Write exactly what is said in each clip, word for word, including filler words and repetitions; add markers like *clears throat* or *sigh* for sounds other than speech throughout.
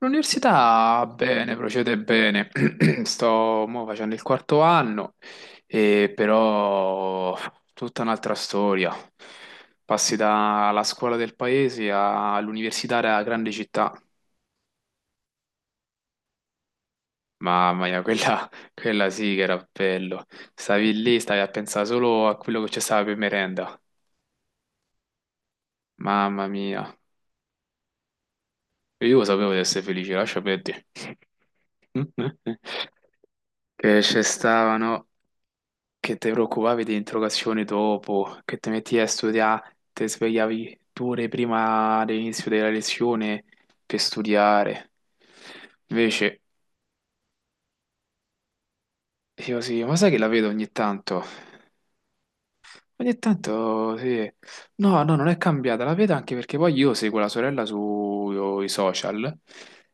L'università bene, procede bene. *clears throat* Sto mo facendo il quarto anno, e però tutta un'altra storia. Passi dalla scuola del paese all'università della grande città. Mamma mia, quella, quella sì che era bello. Stavi lì, stavi a pensare solo a quello che c'è stava per merenda. Mamma mia, io sapevo di essere felice, lascia perdere. *laughs* Che ci stavano. Che ti preoccupavi di interrogazioni dopo, che ti metti a studiare, ti svegliavi due ore prima dell'inizio della lezione per studiare. Invece, io sì, ma sai che la vedo ogni tanto? Ogni tanto sì. No, no, non è cambiata, la vedo anche perché poi io seguo la sorella sui social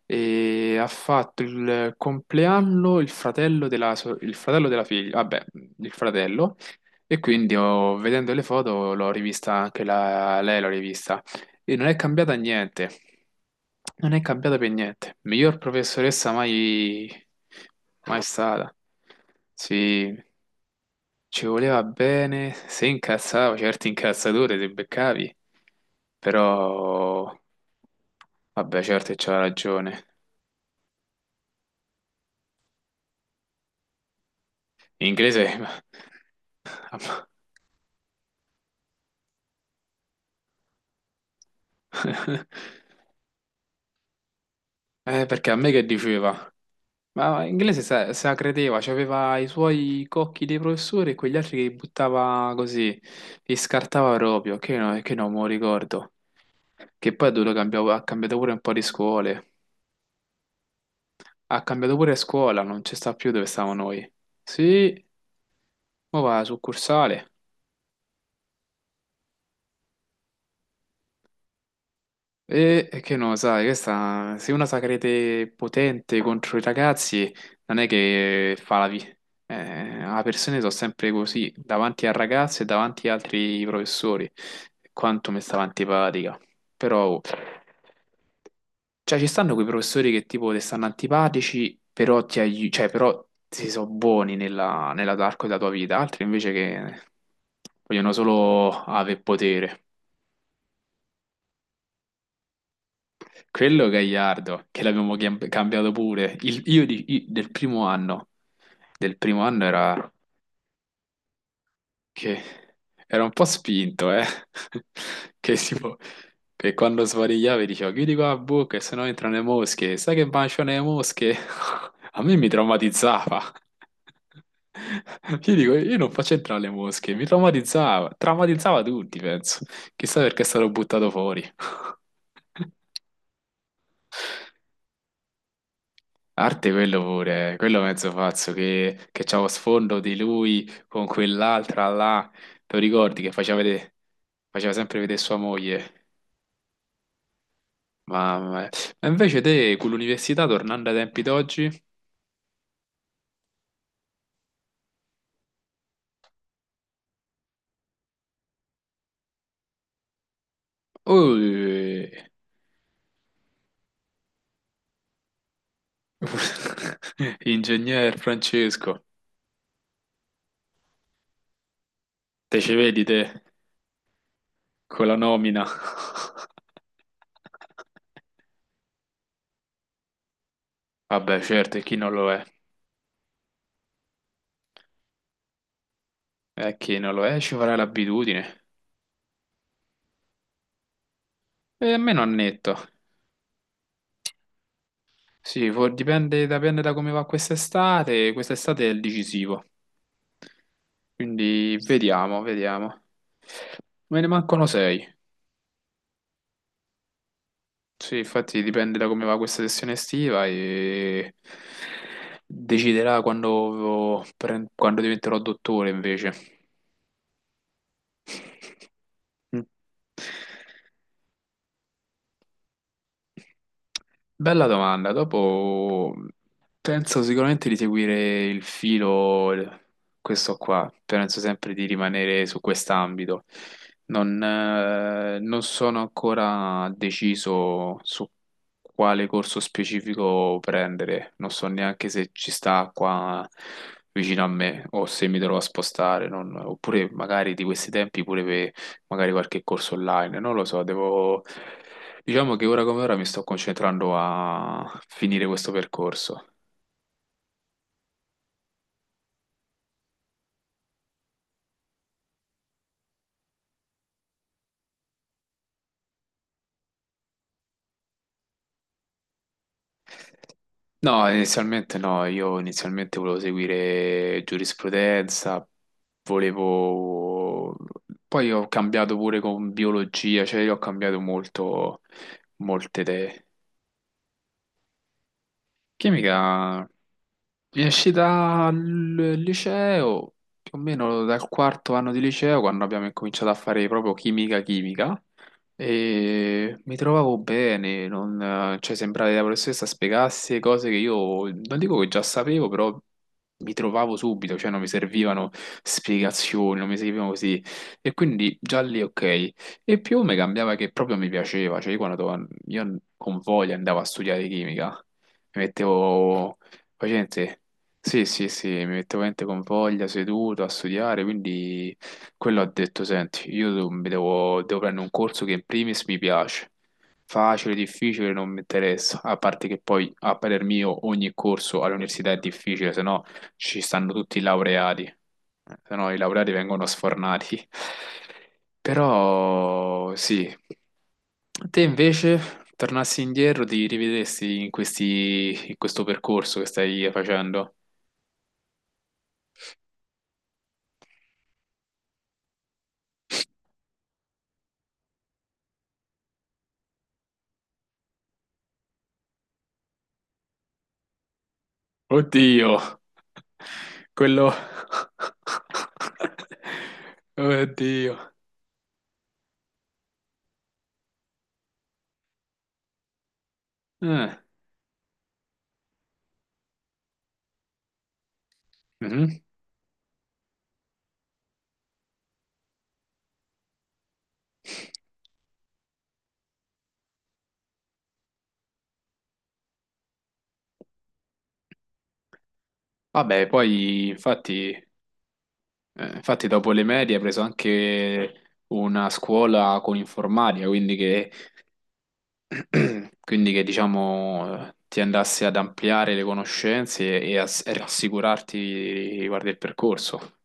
e ha fatto il compleanno il fratello della, so- il fratello della figlia, vabbè, il fratello, e quindi ho- vedendo le foto l'ho rivista anche la- lei, l'ho rivista e non è cambiata niente, non è cambiata per niente. Miglior professoressa mai, mai stata. Sì, ci voleva bene, se incazzava, certi incazzature se beccavi, però vabbè, certo che c'aveva ragione. In inglese. *laughs* Eh, perché a me che diceva? Ma in inglese se, se la credeva, c'aveva i suoi cocchi dei professori e quegli altri che buttava così, li scartava proprio, che, no, che non me lo ricordo. Che poi ha dovuto cambiare, ha cambiato pure un po' di scuole. Ha cambiato pure scuola, non ci sta più dove stavamo noi. Sì, ma va, succursale. E e che no, sai, questa, se una sa crede potente contro i ragazzi, non è che fa la vita. Le persone sono sempre così, davanti al ragazzo e davanti agli altri professori. Quanto mi stava antipatica. Però, oh, cioè, ci stanno quei professori che tipo ti stanno antipatici, però ti aiutano, cioè, però si sono buoni nella, nell'arco della tua vita, altri invece che vogliono solo avere potere. Quello Gagliardo, che l'abbiamo chiam- cambiato pure. Il- io, di- i- del primo anno, del primo anno era che era un po' spinto, eh. *laughs* Che tipo, che quando svarigliava dicevo chiudi qua la bocca, e sennò entrano le mosche. Sai che baciano le mosche? *laughs* A me mi traumatizzava. *laughs* Io dico, io non faccio entrare le mosche, mi traumatizzava, traumatizzava tutti, penso. Chissà perché è stato buttato fuori. *laughs* Arte quello pure, quello mezzo pazzo che, che c'aveva sfondo di lui con quell'altra là, te lo ricordi che faceva vedere, faceva sempre vedere sua moglie, mamma mia. Ma invece te con l'università tornando ai tempi d'oggi, ui, *laughs* ingegner Francesco, te ci vedi te con la nomina? *laughs* Vabbè certo, e chi non lo è? E chi non lo è ci farà l'abitudine, e a me non netto. Sì, for- dipende, dipende da come va quest'estate. Quest'estate è il decisivo, quindi vediamo, vediamo. Me ne mancano sei. Sì, infatti dipende da come va questa sessione estiva e deciderà quando, pre- quando diventerò dottore invece. Mm. Bella domanda. Dopo penso sicuramente di seguire il filo, questo qua. Penso sempre di rimanere su quest'ambito. Non, eh, non sono ancora deciso su quale corso specifico prendere. Non so neanche se ci sta qua vicino a me o se mi dovrò spostare. Non- oppure magari di questi tempi pure per magari qualche corso online. Non lo so, devo. Diciamo che ora come ora mi sto concentrando a finire questo percorso. No, inizialmente no, io inizialmente volevo seguire giurisprudenza, volevo... Poi ho cambiato pure con biologia, cioè io ho cambiato molto, molte idee. Chimica. Esci dal liceo, più o meno dal quarto anno di liceo, quando abbiamo incominciato a fare proprio chimica chimica, e mi trovavo bene, non, cioè sembrava che la professoressa spiegasse cose che io non dico che già sapevo, però mi trovavo subito, cioè non mi servivano spiegazioni, non mi servivano così. E quindi già lì ok. E più mi cambiava che proprio mi piaceva, cioè io quando io con voglia andavo a studiare chimica, mi mettevo... Facente. Sì, sì, sì, mi mettevo veramente con voglia, seduto a studiare, quindi quello ho detto, senti, io devo, mi devo- devo prendere un corso che in primis mi piace, facile, difficile, non mi interessa, a parte che poi a parer mio ogni corso all'università è difficile, se no ci stanno tutti i laureati, eh, se no i laureati vengono sfornati. *laughs* Però sì, te invece tornassi indietro, ti rivedresti in questi, in questo percorso che stai facendo? Oddio, quello... *laughs* Oddio. Eh, mhm. Vabbè, poi infatti, eh, infatti dopo le medie hai preso anche una scuola con informatica, quindi che, *clears throat* quindi che diciamo ti andasse ad ampliare le conoscenze e a, e rassicurarti riguardo il percorso.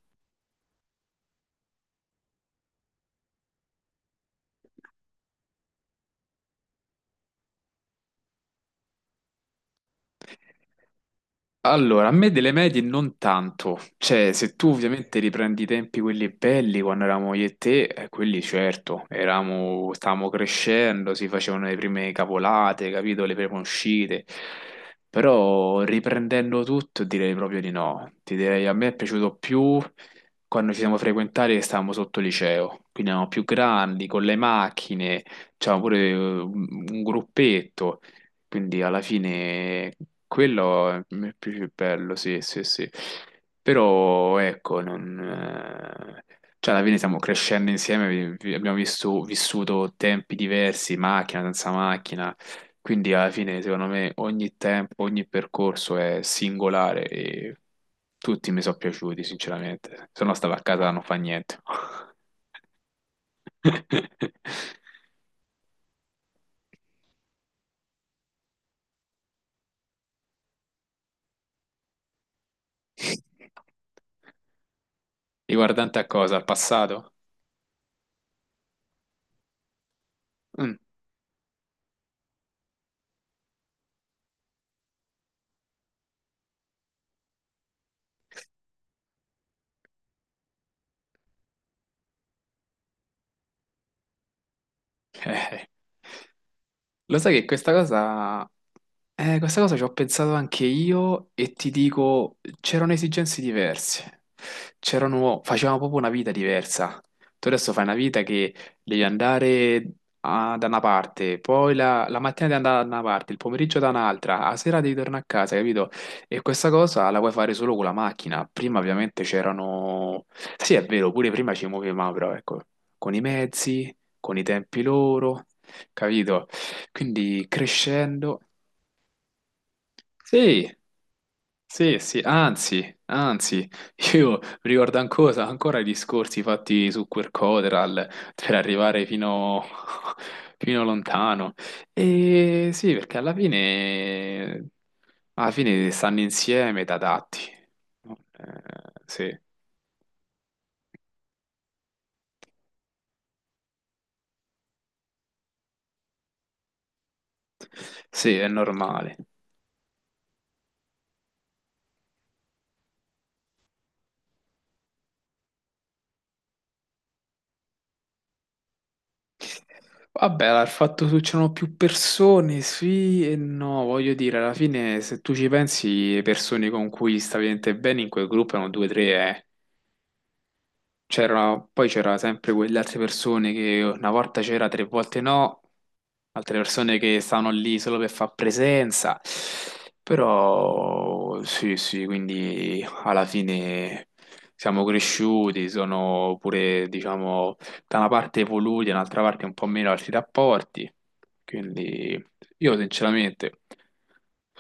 Allora, a me delle medie non tanto, cioè se tu ovviamente riprendi i tempi quelli belli quando eravamo io e te, eh, quelli certo, eravamo, stavamo crescendo, si facevano le prime capolate, capito, le prime uscite, però riprendendo tutto direi proprio di no, ti direi a me è piaciuto più quando ci siamo frequentati e stavamo sotto liceo, quindi eravamo più grandi, con le macchine, c'avevamo pure eh, un un gruppetto. Quindi alla fine quello è il più bello, sì, sì, sì. Però ecco, non, eh, cioè alla fine stiamo crescendo insieme, vi- vi- abbiamo visto- vissuto tempi diversi, macchina senza macchina, quindi alla fine secondo me ogni tempo, ogni percorso è singolare e tutti mi sono piaciuti, sinceramente. Se no stavo a casa non fa niente. *laughs* Riguardante a cosa? Al passato? Mm. *laughs* Eh. Lo sai che questa cosa eh, questa cosa ci ho pensato anche io e ti dico, c'erano esigenze diverse, c'erano, facevamo proprio una vita diversa. Tu adesso fai una vita che devi andare a- da una parte, poi la, la mattina devi andare da una parte, il pomeriggio da un'altra, la sera devi tornare a casa, capito? E questa cosa la puoi fare solo con la macchina. Prima ovviamente c'erano... Sì, è vero, pure prima ci muovevamo, però ecco, con i mezzi, con i tempi loro, capito? Quindi crescendo... Sì, sì, sì, anzi, anzi, *laughs* io ricordo ancora, ancora i discorsi fatti su Quercoteral per arrivare fino, *laughs* fino lontano. E sì, perché alla fine, alla fine stanno insieme da adatti. No? Eh, sì, sì, è normale. Vabbè, il fatto che c'erano più persone, sì e no, voglio dire, alla fine se tu ci pensi, le persone con cui stavi veramente bene in quel gruppo erano due o tre, eh. C'era, poi c'era sempre quelle altre persone che una volta c'era, tre volte no, altre persone che stanno lì solo per far presenza. Però sì, sì, quindi alla fine siamo cresciuti, sono pure, diciamo, da una parte evoluti, dall'altra parte un po' meno altri rapporti. Quindi io sinceramente,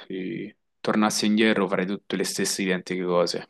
se tornassi indietro farei tutte le stesse identiche cose.